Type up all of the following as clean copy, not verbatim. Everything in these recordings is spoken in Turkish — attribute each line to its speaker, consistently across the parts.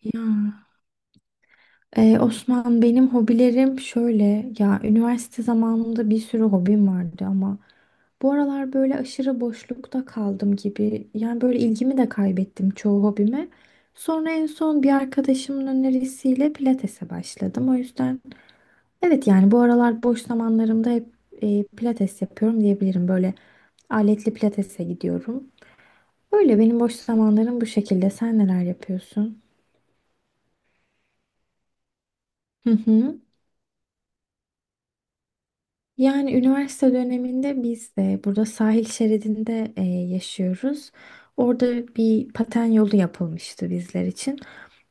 Speaker 1: Ya, Osman benim hobilerim şöyle ya üniversite zamanımda bir sürü hobim vardı ama bu aralar böyle aşırı boşlukta kaldım gibi, yani böyle ilgimi de kaybettim çoğu hobime. Sonra en son bir arkadaşımın önerisiyle pilatese başladım. O yüzden evet, yani bu aralar boş zamanlarımda hep pilates yapıyorum diyebilirim. Böyle aletli pilatese gidiyorum. Böyle benim boş zamanlarım bu şekilde. Sen neler yapıyorsun? Hı hı. Yani üniversite döneminde biz de burada sahil şeridinde yaşıyoruz. Orada bir paten yolu yapılmıştı bizler için.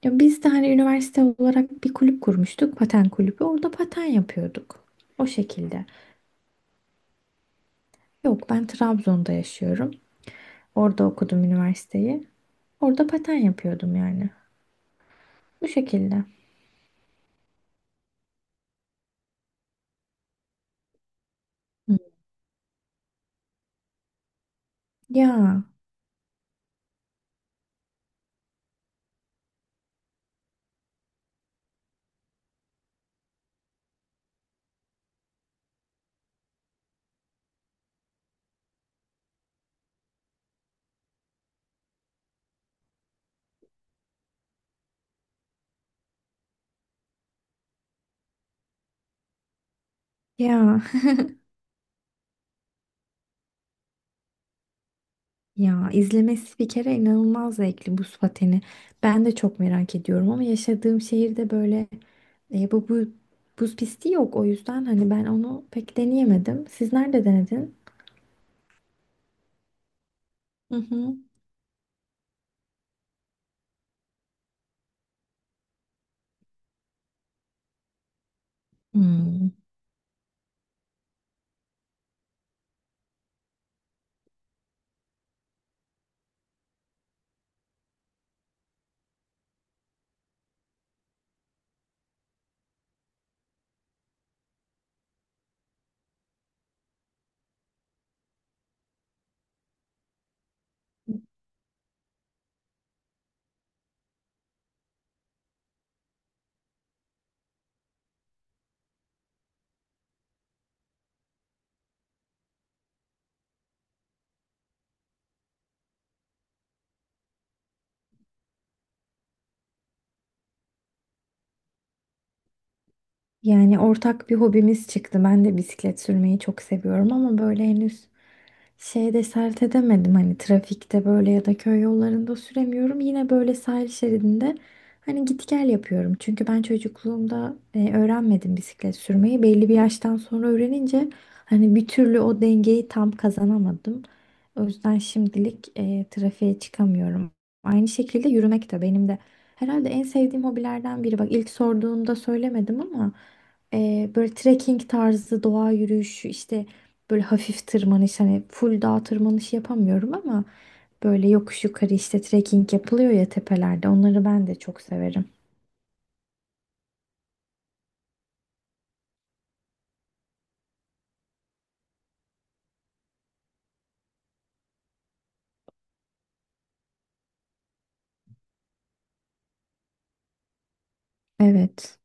Speaker 1: Ya biz de hani üniversite olarak bir kulüp kurmuştuk, paten kulübü. Orada paten yapıyorduk. O şekilde. Yok, ben Trabzon'da yaşıyorum. Orada okudum üniversiteyi. Orada paten yapıyordum yani. Bu şekilde. Hı. Ya, ya. Ya izlemesi bir kere inanılmaz zevkli buz pateni. Ben de çok merak ediyorum ama yaşadığım şehirde böyle bu buz pisti yok. O yüzden hani ben onu pek deneyemedim. Siz nerede denedin? Hı hı. Hmm. Yani ortak bir hobimiz çıktı. Ben de bisiklet sürmeyi çok seviyorum ama böyle henüz şeyde sert edemedim, hani trafikte böyle ya da köy yollarında süremiyorum. Yine böyle sahil şeridinde hani git gel yapıyorum. Çünkü ben çocukluğumda öğrenmedim bisiklet sürmeyi. Belli bir yaştan sonra öğrenince hani bir türlü o dengeyi tam kazanamadım. O yüzden şimdilik trafiğe çıkamıyorum. Aynı şekilde yürümek de benim de herhalde en sevdiğim hobilerden biri. Bak ilk sorduğunda söylemedim ama böyle trekking tarzı doğa yürüyüşü, işte böyle hafif tırmanış, hani full dağ tırmanışı yapamıyorum ama böyle yokuş yukarı işte trekking yapılıyor ya tepelerde. Onları ben de çok severim. Evet.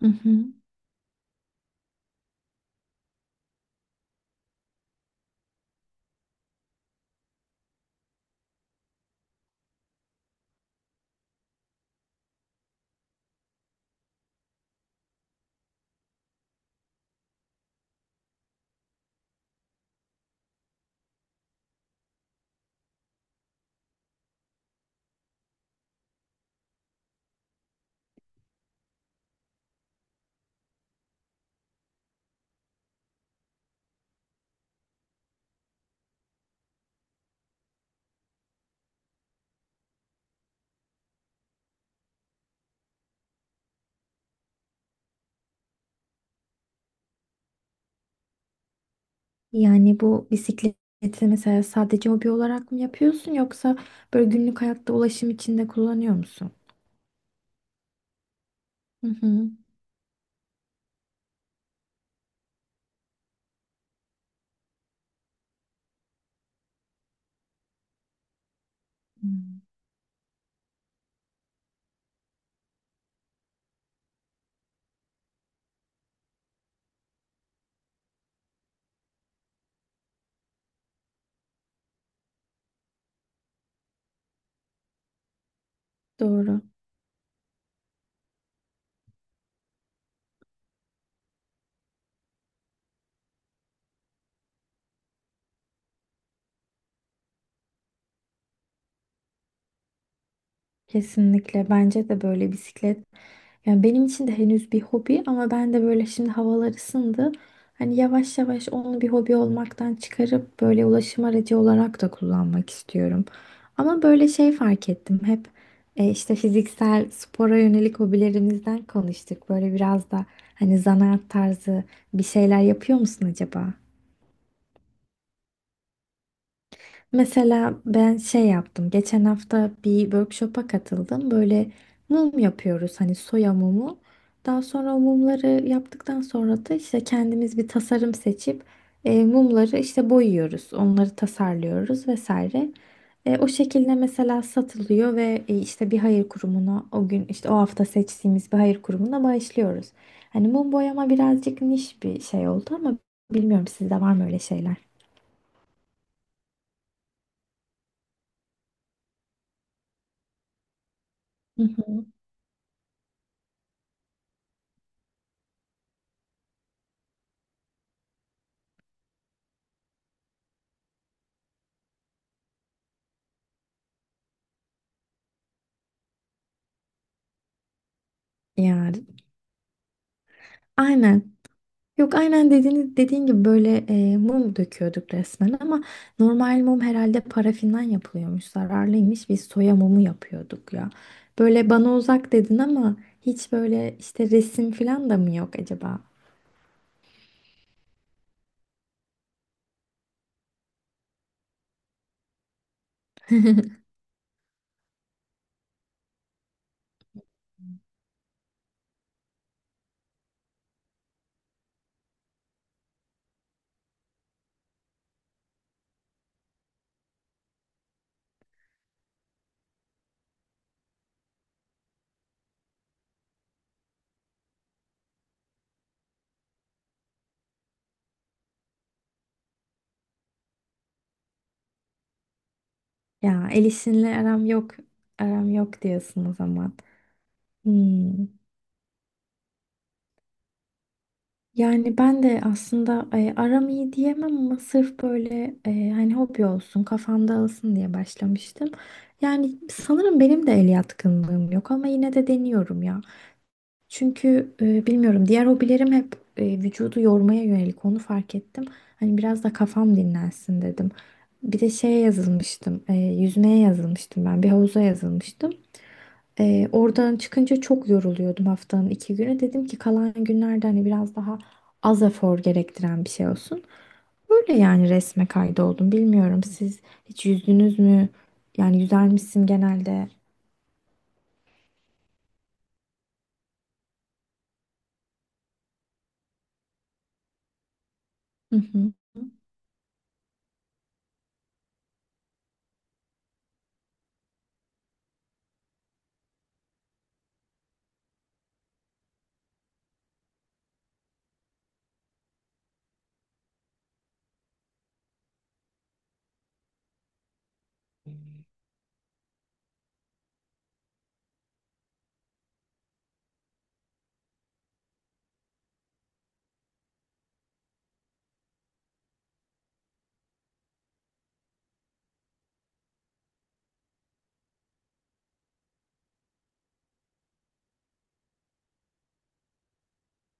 Speaker 1: Hı hı. Yani bu bisikleti mesela sadece hobi olarak mı yapıyorsun, yoksa böyle günlük hayatta ulaşım için de kullanıyor musun? Hı hı. Hmm. Doğru. Kesinlikle bence de böyle bisiklet. Yani benim için de henüz bir hobi ama ben de böyle şimdi havalar ısındı. Hani yavaş yavaş onu bir hobi olmaktan çıkarıp böyle ulaşım aracı olarak da kullanmak istiyorum. Ama böyle şey fark ettim. Hep işte fiziksel spora yönelik hobilerimizden konuştuk. Böyle biraz da hani zanaat tarzı bir şeyler yapıyor musun acaba? Mesela ben şey yaptım. Geçen hafta bir workshop'a katıldım. Böyle mum yapıyoruz, hani soya mumu. Daha sonra o mumları yaptıktan sonra da işte kendimiz bir tasarım seçip mumları işte boyuyoruz. Onları tasarlıyoruz vesaire. O şekilde mesela satılıyor ve işte bir hayır kurumuna, o gün işte o hafta seçtiğimiz bir hayır kurumuna bağışlıyoruz. Hani mum boyama birazcık niş bir şey oldu ama bilmiyorum, sizde var mı öyle şeyler? Hı hı. Yani aynen. Yok, aynen dediğin, gibi böyle mum döküyorduk resmen ama normal mum herhalde parafinden yapılıyormuş, zararlıymış, biz soya mumu yapıyorduk ya. Böyle bana uzak dedin ama hiç böyle işte resim falan da mı yok acaba? Ya, el işinle aram yok, diyorsun o zaman. Hmm. Yani ben de aslında aram iyi diyemem ama sırf böyle hani hobi olsun, kafam dağılsın diye başlamıştım. Yani sanırım benim de el yatkınlığım yok ama yine de deniyorum ya. Çünkü bilmiyorum, diğer hobilerim hep vücudu yormaya yönelik, onu fark ettim. Hani biraz da kafam dinlensin dedim. Bir de şeye yazılmıştım, yüzmeye yazılmıştım ben, bir havuza yazılmıştım. Oradan çıkınca çok yoruluyordum haftanın iki günü. Dedim ki kalan günlerde hani biraz daha az efor gerektiren bir şey olsun. Öyle yani, resme kaydoldum. Bilmiyorum, siz hiç yüzdünüz mü? Yani yüzer misin genelde? Hı hı.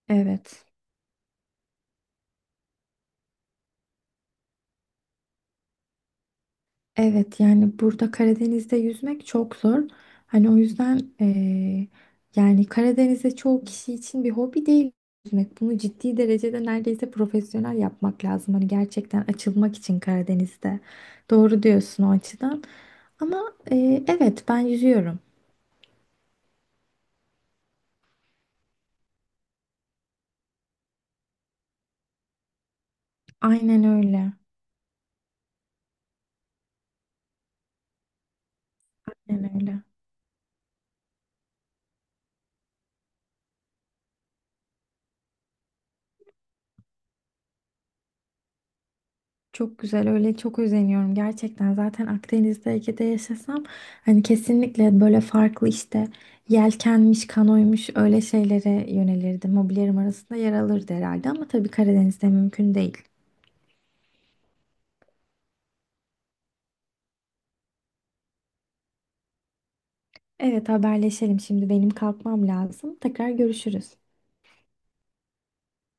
Speaker 1: Evet. Evet, yani burada Karadeniz'de yüzmek çok zor. Hani o yüzden yani Karadeniz'de çoğu kişi için bir hobi değil yüzmek. Bunu ciddi derecede neredeyse profesyonel yapmak lazım. Hani gerçekten açılmak için Karadeniz'de. Doğru diyorsun o açıdan. Ama evet, ben yüzüyorum. Aynen öyle. Aynen öyle. Çok güzel, öyle çok özeniyorum gerçekten. Zaten Akdeniz'de, Ege'de yaşasam hani kesinlikle böyle farklı işte yelkenmiş, kanoymuş, öyle şeylere yönelirdim, hobilerim arasında yer alırdı herhalde, ama tabii Karadeniz'de mümkün değil. Evet, haberleşelim. Şimdi benim kalkmam lazım, tekrar görüşürüz.